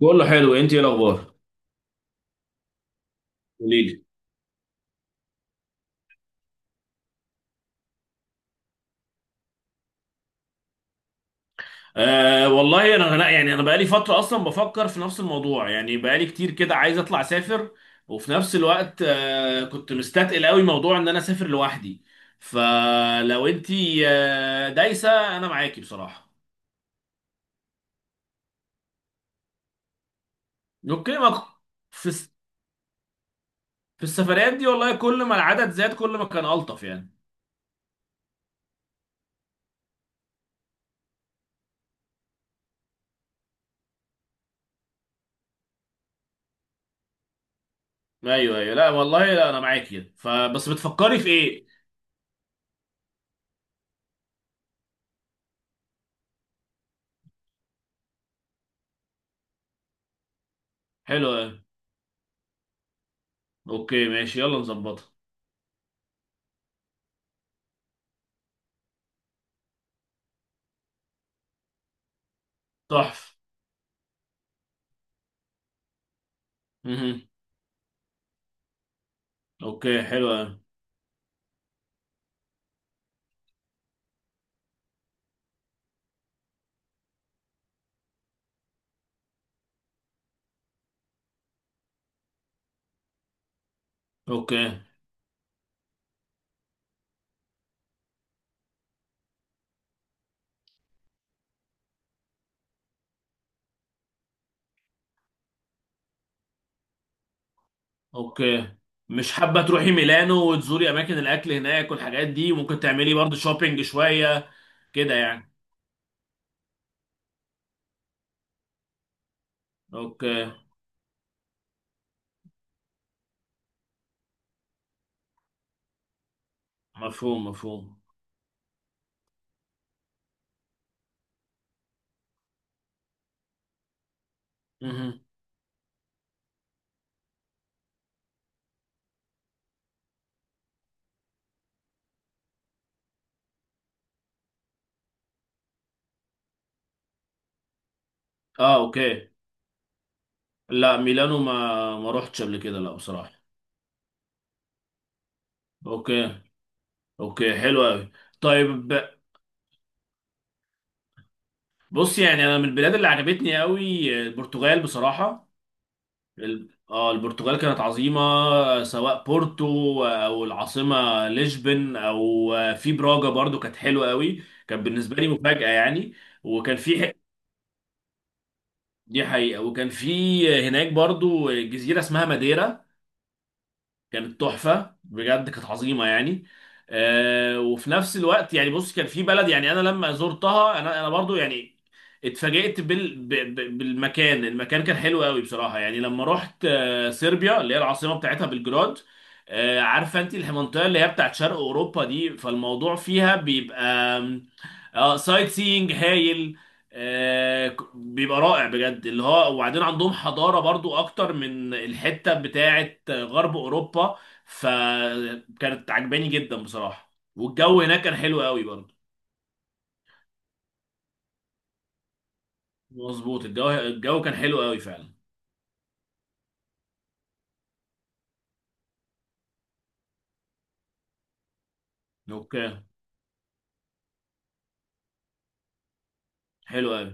بقول له حلو، انت ايه الاخبار؟ قولي لي. والله انا لا، يعني انا بقالي فتره اصلا بفكر في نفس الموضوع، يعني بقالي كتير كده عايز اطلع اسافر. وفي نفس الوقت كنت مستثقل قوي موضوع ان انا اسافر لوحدي. فلو انت دايسه، انا معاكي بصراحه. اوكي، ما في الس- في السفريات دي والله كل ما العدد زاد كل ما كان الطف يعني. ايوه ايوه، لا والله، لا انا معاكي، فبس بتفكري في ايه؟ حلو أوي. اوكي ماشي، يلا نظبطها. تحفه. اوكي حلو أوي. اوكي. اوكي. مش حابة تروحي ميلانو وتزوري اماكن الاكل هناك والحاجات دي؟ ممكن تعملي برضه شوبينج شوية كده يعني. اوكي. مفهوم مفهوم. مهم. اه اوكي. لا ميلانو، ما روحتش قبل كده لا بصراحة. اوكي. اوكي حلو قوي. طيب بص، يعني انا من البلاد اللي عجبتني قوي البرتغال بصراحة. البرتغال كانت عظيمة، سواء بورتو او العاصمة لشبن او في براجا، برضو كانت حلوة قوي. كان بالنسبة لي مفاجأة يعني. وكان في ح- دي حقيقة، وكان في هناك برضو جزيرة اسمها ماديرا، كانت تحفة بجد، كانت عظيمة يعني. وفي نفس الوقت يعني بص، كان في بلد يعني انا لما زرتها، انا برضو يعني اتفاجئت بالمكان، المكان كان حلو قوي بصراحة، يعني لما رحت صربيا، اللي هي العاصمة بتاعتها بلجراد. عارفة انت المنطقة اللي هي بتاعت شرق اوروبا دي، فالموضوع فيها بيبقى آم، سايت سينج هايل، بيبقى رائع بجد اللي هو. وبعدين عندهم حضارة برضو اكتر من الحتة بتاعة غرب اوروبا، فكانت عجباني جدا بصراحة، والجو هناك كان حلو قوي برضو. مظبوط، الجو كان حلو قوي فعلا. اوكي حلو قوي.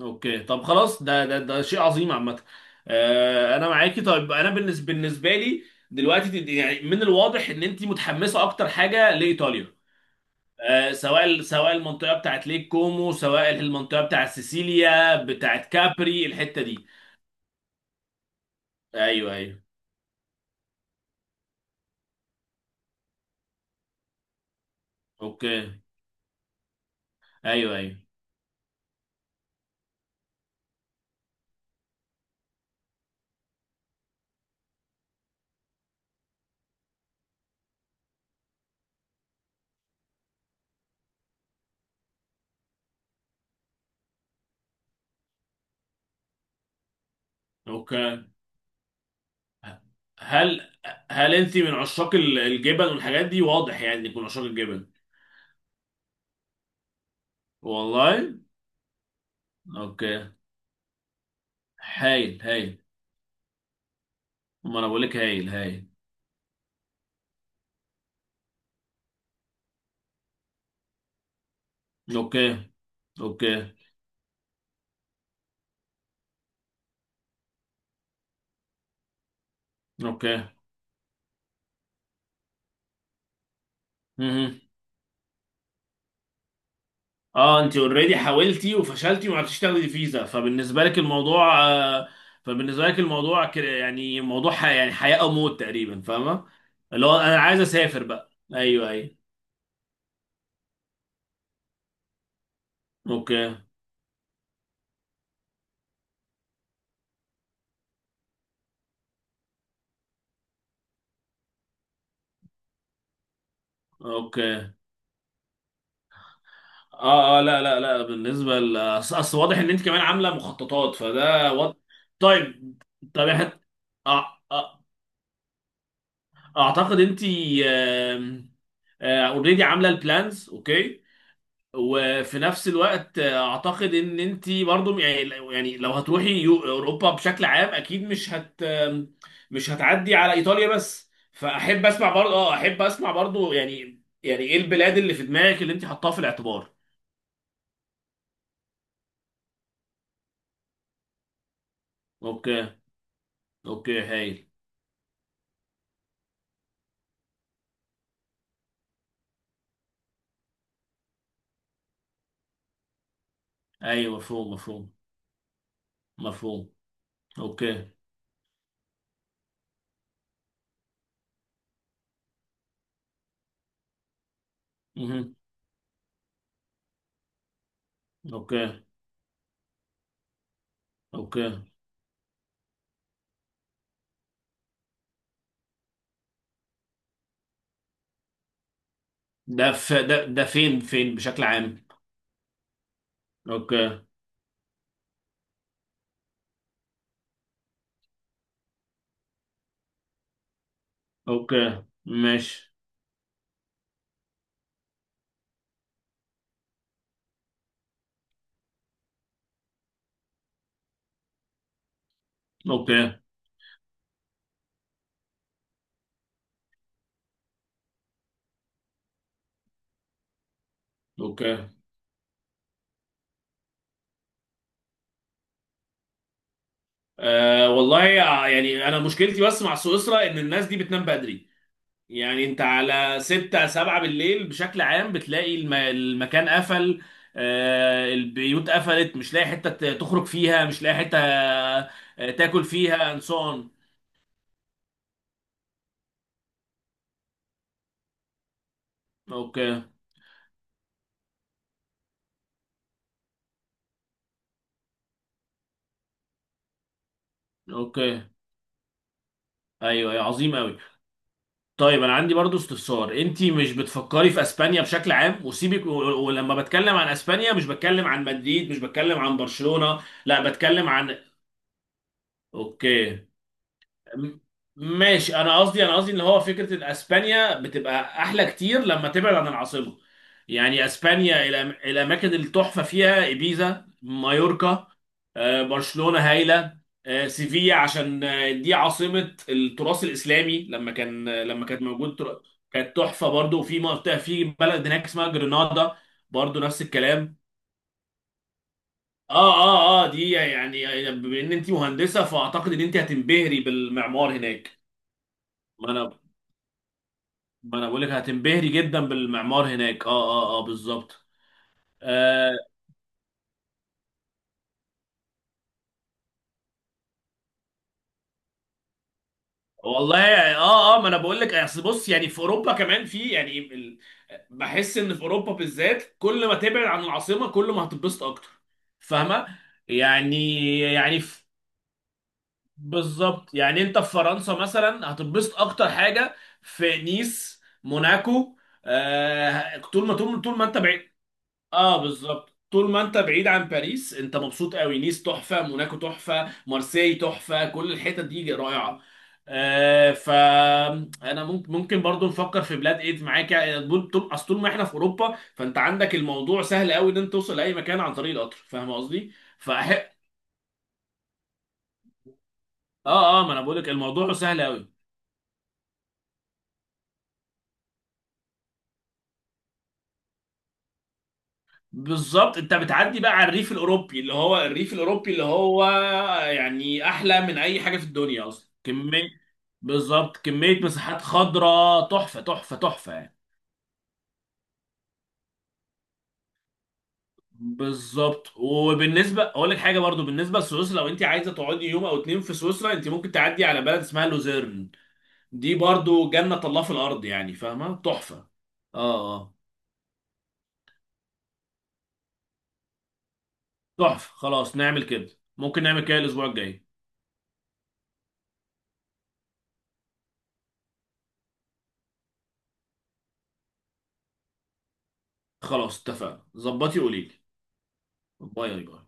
اوكي طب خلاص، ده شيء عظيم عامة. انا معاكي. طيب انا بالنسبة لي دلوقتي يعني من الواضح ان انت متحمسة اكتر حاجة لايطاليا، سواء المنطقه بتاعت ليك كومو، سواء المنطقه بتاعت سيسيليا بتاعت كابري الحته دي. ايوه ايوه. اوكي. ايوه ايوه. اوكي. هل انت من عشاق الجبن والحاجات دي؟ واضح يعني انك من عشاق الجبن. والله. اوكي. هايل هايل، ما انا بقول لك هايل هايل. اوكي. اوكي. اوكي. مهم. اه، انت اوريدي حاولتي وفشلتي وما عرفتيش تاخدي فيزا، فبالنسبه لك الموضوع فبالنسبه لك الموضوع كده يعني موضوع يعني حياه او موت تقريبا، فاهمه؟ اللي هو انا عايز اسافر بقى، ايوه ايوه. اوكي. اوكي. اه اه، لا لا لا، بالنسبه ل... اصل أصل واضح ان انت كمان عامله مخططات، طيب. طب إحنا- أع- أع- اعتقد انت اوريدي عامله البلانز، اوكي. وفي نفس الوقت اعتقد ان انت برضو، يعني يعني لو هتروحي اوروبا بشكل عام، اكيد مش هتعدي على ايطاليا بس، فاحب اسمع برضو، اه احب اسمع برضو يعني، يعني ايه البلاد اللي في دماغك اللي انت حطاها في الاعتبار؟ اوكي. اوكي هايل. ايوه مفهوم مفهوم. مفهوم. اوكي. مهم. اوكي. اوكي. ده في ده ده فين فين بشكل عام؟ اوكي. اوكي ماشي. اوكي. اوكي. أه والله، يعني انا مشكلتي بس مع سويسرا ان الناس دي بتنام بدري، يعني انت على 6 7 بالليل بشكل عام بتلاقي المكان قفل، أه البيوت قفلت، مش لاقي حتة تخرج فيها، مش لاقي حتة تاكل فيها and so on. اوكي. اوكي. ايوه أيوة، عظيم قوي. طيب انا عندي برضو استفسار، انتي مش بتفكري في اسبانيا بشكل عام؟ وسيبك ولما بتكلم عن اسبانيا مش بتكلم عن مدريد، مش بتكلم عن برشلونة، لا بتكلم عن. اوكي. م- ماشي، انا قصدي ان هو فكره ان اسبانيا بتبقى احلى كتير لما تبعد عن العاصمه، يعني اسبانيا الاماكن التحفه فيها ايبيزا، مايوركا، برشلونه هايله، سيفيا عشان دي عاصمه التراث الاسلامي، لما كان لما كانت موجود كانت تحفه برضو. وفي منطقه في بلد هناك اسمها جرينادا، برضو نفس الكلام. اه اه اه، دي يعني يعني بما ان انت مهندسه، فاعتقد ان انت هتنبهري بالمعمار هناك. ما انا ما انا بقول لك هتنبهري جدا بالمعمار هناك، اه اه اه بالظبط. آه والله اه اه، ما انا بقول لك اصل بص، يعني في اوروبا كمان في يعني بحس ان في اوروبا بالذات كل ما تبعد عن العاصمه كل ما هتتبسط اكتر، فاهمه؟ يعني يعني في... بالظبط، يعني انت في فرنسا مثلا هتتبسط اكتر حاجه في نيس، موناكو، طول ما انت بعيد. اه بالظبط، طول ما انت بعيد عن باريس انت مبسوط قوي، نيس تحفه، موناكو تحفه، مارسيي تحفه، كل الحتت دي رائعه. فانا ممكن ممكن برضو نفكر في بلاد ايد معاك، يعني طول طول- اصل طول ما احنا في اوروبا، فانت عندك الموضوع سهل قوي ان انت توصل لاي مكان عن طريق القطر، فاهم قصدي؟ فأح... اه اه ما انا بقول لك الموضوع سهل قوي. بالظبط، انت بتعدي بقى على الريف الاوروبي، اللي هو يعني احلى من اي حاجه في الدنيا اصلا، كميه، بالظبط، كمية مساحات خضراء تحفة تحفة تحفة يعني. بالظبط. وبالنسبة أقول لك حاجة برضو، بالنسبة لسويسرا لو أنت عايزة تقعدي يوم أو اتنين في سويسرا، أنت ممكن تعدي على بلد اسمها لوزيرن، دي برضو جنة الله في الأرض يعني، فاهمة؟ تحفة. آه آه. تحفة خلاص، نعمل كده. ممكن نعمل كده الأسبوع الجاي. خلاص اتفقنا، ظبطي قوليلي. باي باي.